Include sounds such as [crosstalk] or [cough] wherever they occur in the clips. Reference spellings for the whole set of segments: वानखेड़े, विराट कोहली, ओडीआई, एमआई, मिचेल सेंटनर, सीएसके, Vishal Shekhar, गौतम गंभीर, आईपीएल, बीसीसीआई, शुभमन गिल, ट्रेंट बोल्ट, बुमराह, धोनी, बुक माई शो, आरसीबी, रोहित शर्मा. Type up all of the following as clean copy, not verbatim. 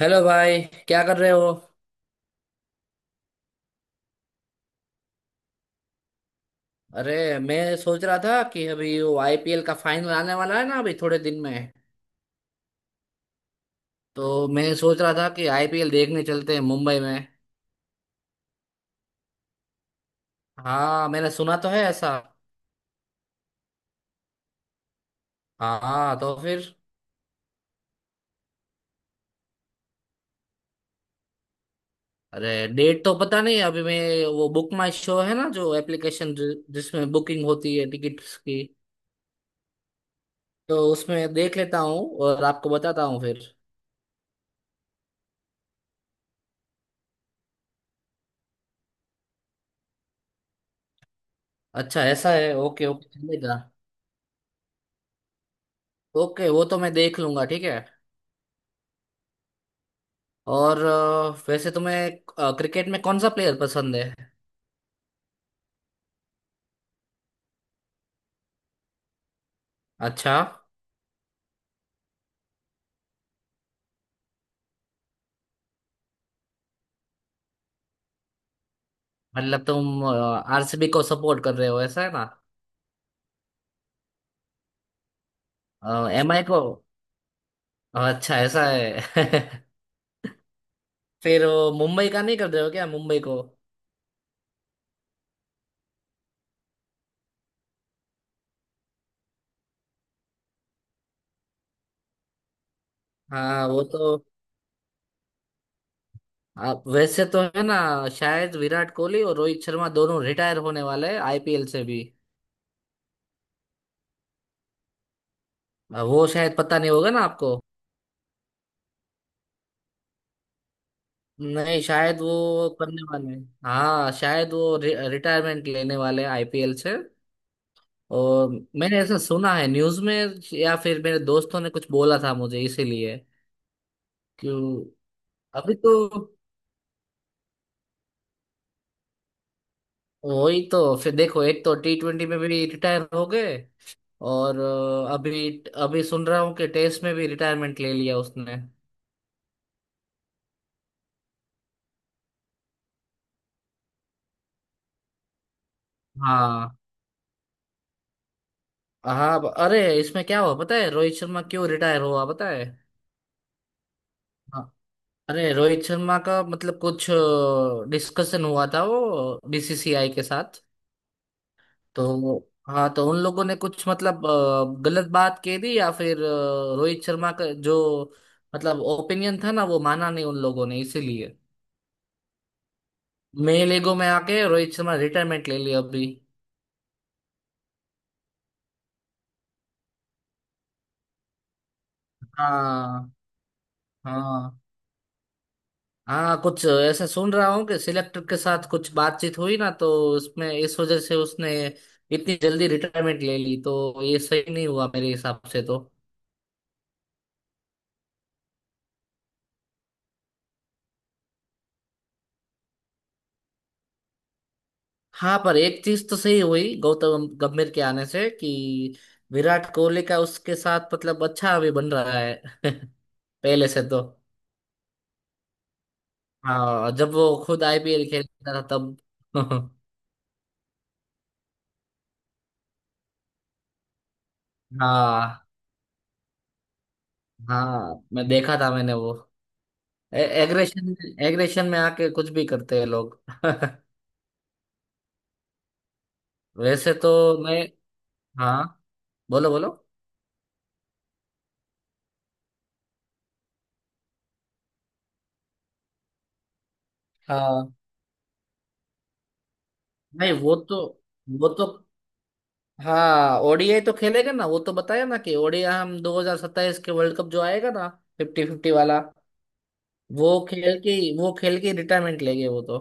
Hello भाई। क्या कर रहे हो? अरे मैं सोच रहा था कि अभी वो आईपीएल का फाइनल आने वाला है ना, अभी थोड़े दिन में। तो मैं सोच रहा था कि आईपीएल देखने चलते हैं मुंबई में। हाँ मैंने सुना तो है ऐसा। हाँ तो फिर? अरे डेट तो पता नहीं अभी। मैं वो बुक माई शो है ना, जो एप्लीकेशन जिसमें बुकिंग होती है टिकट्स की, तो उसमें देख लेता हूँ और आपको बताता हूँ फिर। अच्छा ऐसा है, ओके ओके चलेगा। ओके वो तो मैं देख लूंगा, ठीक है। और वैसे तुम्हें क्रिकेट में कौन सा प्लेयर पसंद है? अच्छा, मतलब तुम आरसीबी को सपोर्ट कर रहे हो, ऐसा है ना। एमआई को? अच्छा ऐसा है। [laughs] फिर वो मुंबई का नहीं कर रहे हो क्या, मुंबई को? हाँ वो तो आप वैसे तो है ना, शायद विराट कोहली और रोहित शर्मा दोनों रिटायर होने वाले हैं आईपीएल से भी। वो शायद पता नहीं होगा ना आपको। नहीं शायद वो करने वाले हैं, हाँ शायद वो रिटायरमेंट लेने वाले हैं आईपीएल से। और मैंने ऐसा सुना है न्यूज़ में, या फिर मेरे दोस्तों ने कुछ बोला था मुझे, इसीलिए। क्यों? अभी तो वही तो फिर देखो, एक तो टी ट्वेंटी में भी रिटायर हो गए। और अभी अभी सुन रहा हूँ कि टेस्ट में भी रिटायरमेंट ले लिया उसने। हाँ। अरे इसमें क्या हुआ पता है, रोहित शर्मा क्यों रिटायर हुआ पता है? हाँ, अरे रोहित शर्मा का मतलब कुछ डिस्कशन हुआ था वो, बीसीसीआई के साथ। तो हाँ तो उन लोगों ने कुछ मतलब गलत बात कह दी, या फिर रोहित शर्मा का जो मतलब ओपिनियन था ना, वो माना नहीं उन लोगों ने, इसीलिए मेल ईगो में आके रोहित शर्मा रिटायरमेंट ले लिया अभी। हाँ। हाँ हाँ कुछ ऐसा सुन रहा हूँ कि सिलेक्टर के साथ कुछ बातचीत हुई ना, तो उसमें इस वजह से उसने इतनी जल्दी रिटायरमेंट ले ली, तो ये सही नहीं हुआ मेरे हिसाब से तो। हाँ पर एक चीज तो सही हुई गौतम गंभीर के आने से कि विराट कोहली का उसके साथ मतलब अच्छा अभी बन रहा है। [laughs] पहले से तो। हाँ जब वो खुद आईपीएल खेलता था तब। [laughs] हाँ। हाँ मैं देखा था, मैंने वो एग्रेशन, एग्रेशन में आके कुछ भी करते हैं लोग। [laughs] वैसे तो मैं, हाँ बोलो बोलो। हाँ नहीं वो तो वो तो, हाँ ओडीआई तो खेलेगा ना, वो तो बताया ना कि ओडीआई हम 2027 के वर्ल्ड कप जो आएगा ना, फिफ्टी फिफ्टी वाला, वो खेल के वो खेल के रिटायरमेंट लेंगे वो तो।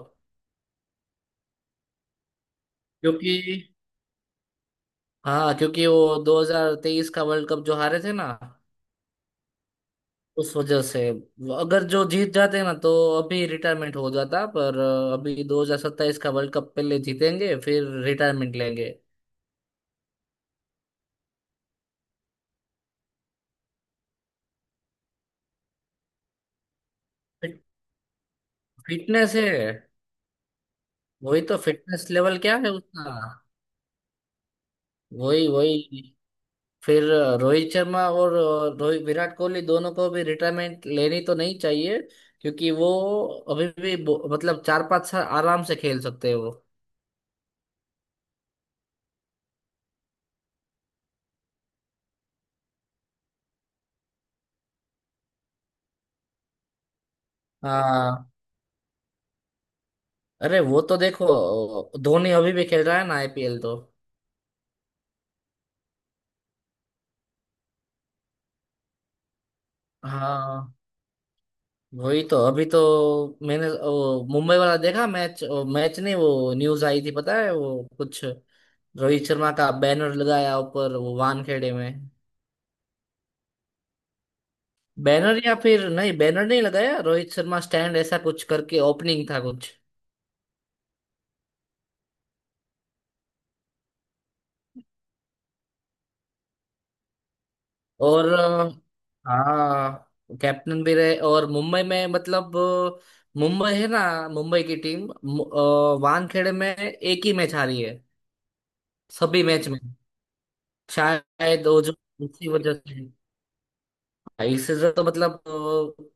क्योंकि, हाँ क्योंकि वो 2023 का वर्ल्ड कप जो हारे थे ना, उस वजह से वो अगर जो जीत जाते ना तो अभी रिटायरमेंट हो जाता, पर अभी 2027 का वर्ल्ड कप पहले जीतेंगे फिर रिटायरमेंट लेंगे। फिटनेस है, वही तो, फिटनेस लेवल क्या है उसका। वही वही, फिर रोहित शर्मा और रोहित विराट कोहली दोनों को भी रिटायरमेंट लेनी तो नहीं चाहिए, क्योंकि वो अभी भी मतलब चार पांच साल आराम से खेल सकते हैं वो। हाँ। अरे वो तो देखो धोनी अभी भी खेल रहा है ना आईपीएल तो। हाँ वही तो, अभी तो मैंने वो मुंबई वाला देखा मैच, मैच नहीं वो न्यूज आई थी पता है वो कुछ, रोहित शर्मा का बैनर लगाया ऊपर वो वानखेड़े में। बैनर, या फिर नहीं बैनर नहीं लगाया, रोहित शर्मा स्टैंड ऐसा कुछ करके ओपनिंग था कुछ। और हाँ कैप्टन भी रहे और मुंबई में मतलब मुंबई है ना, मुंबई की टीम वानखेड़े में एक ही मैच हारी है, सभी मैच में। शायद वो जो उसी वजह से, इस सीजन तो मतलब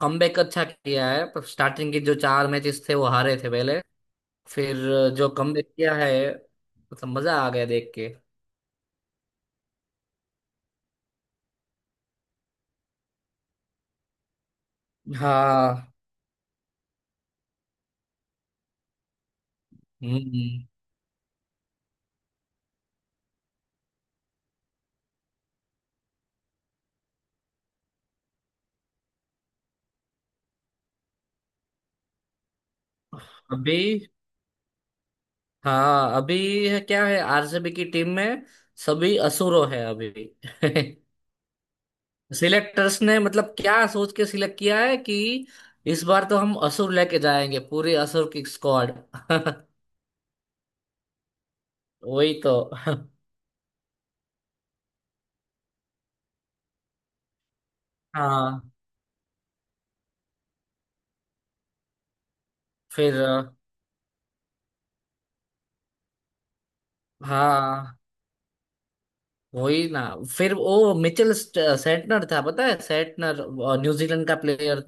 कमबैक अच्छा किया है, पर स्टार्टिंग के जो चार मैचेस थे वो हारे थे पहले, फिर जो कमबैक किया है, मतलब मजा आ गया देख के। हाँ। हम्म, अभी हाँ अभी है क्या, है आरसीबी की टीम में सभी असुरो है अभी। [laughs] सिलेक्टर्स ने मतलब क्या सोच के सिलेक्ट किया है कि इस बार तो हम असुर लेके जाएंगे, पूरी असुर की स्क्वाड। [laughs] वही तो। [laughs] हाँ फिर हाँ वही ना, फिर वो सेंटनर था पता है, सेंटनर न्यूजीलैंड का प्लेयर।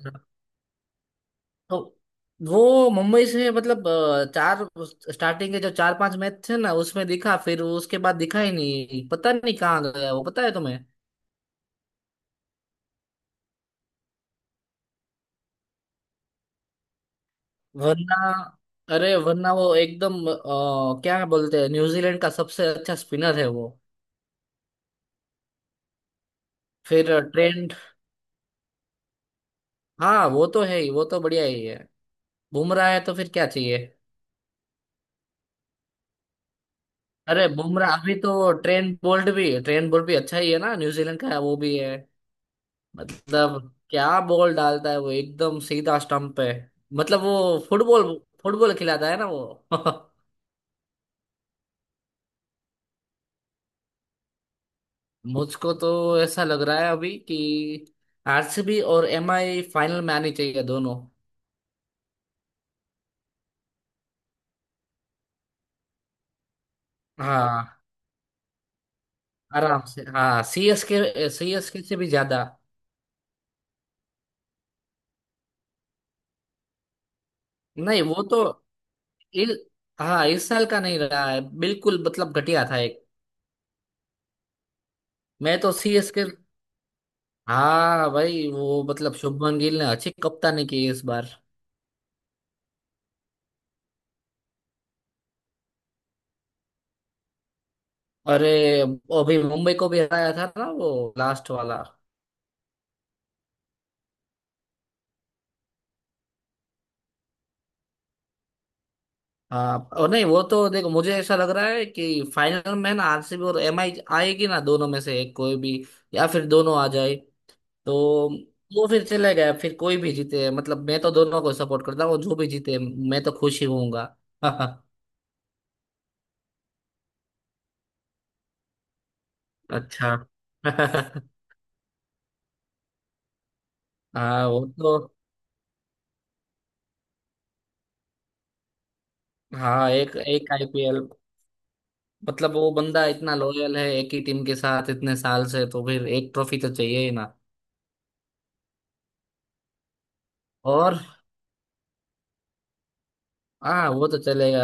तो वो मुंबई से मतलब चार, स्टार्टिंग के जो चार पांच मैच थे ना उसमें दिखा, फिर उसके बाद दिखा ही नहीं, पता नहीं कहाँ गया वो, पता है तुम्हें? वरना, अरे वरना वो एकदम क्या बोलते हैं, न्यूजीलैंड का सबसे अच्छा स्पिनर है वो। फिर ट्रेंट, हाँ वो तो है ही, वो तो बढ़िया ही है। बुमराह है तो फिर क्या चाहिए। अरे बुमराह, अभी तो ट्रेंट बोल्ट भी, ट्रेंट बोल्ट भी अच्छा ही है ना, न्यूजीलैंड का है वो भी है। मतलब क्या बॉल डालता है वो, एकदम सीधा स्टंप पे। मतलब वो फुटबॉल, फुटबॉल खिलाता है ना वो। [laughs] मुझको तो ऐसा लग रहा है अभी कि आरसीबी और एमआई फाइनल में आनी चाहिए दोनों। हाँ आराम से, हाँ सीएसके, सीएसके से भी ज्यादा। नहीं वो तो इस, हाँ इस साल का नहीं रहा है बिल्कुल, मतलब घटिया था एक। मैं तो सीएसके, हाँ भाई वो मतलब शुभमन गिल ने अच्छी कप्तानी की इस बार। अरे अभी मुंबई को भी हराया था ना वो लास्ट वाला। हाँ और नहीं वो तो देखो मुझे ऐसा लग रहा है कि फाइनल में ना आरसीबी और एमआई आएगी ना, दोनों में से एक कोई भी, या फिर दोनों आ जाए तो, वो फिर चले गए, फिर कोई भी जीते, मतलब मैं तो दोनों को सपोर्ट करता हूँ, जो भी जीते मैं तो खुश ही होऊंगा। [laughs] अच्छा। [laughs] हाँ वो तो, हाँ एक एक आईपीएल, मतलब वो बंदा इतना लॉयल है एक ही टीम के साथ इतने साल से, तो फिर एक ट्रॉफी तो चाहिए ही ना। और हाँ वो तो चलेगा,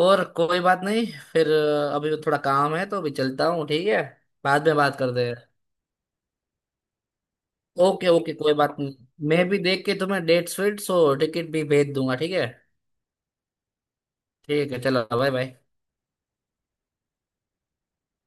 और कोई बात नहीं। फिर अभी थोड़ा काम है तो अभी चलता हूँ, ठीक है बाद में बात करते हैं। ओके ओके कोई बात नहीं, मैं भी देख के तुम्हें डेट्स फिट्स और टिकट भी भेज दूंगा, ठीक है। ठीक है चलो बाय बाय।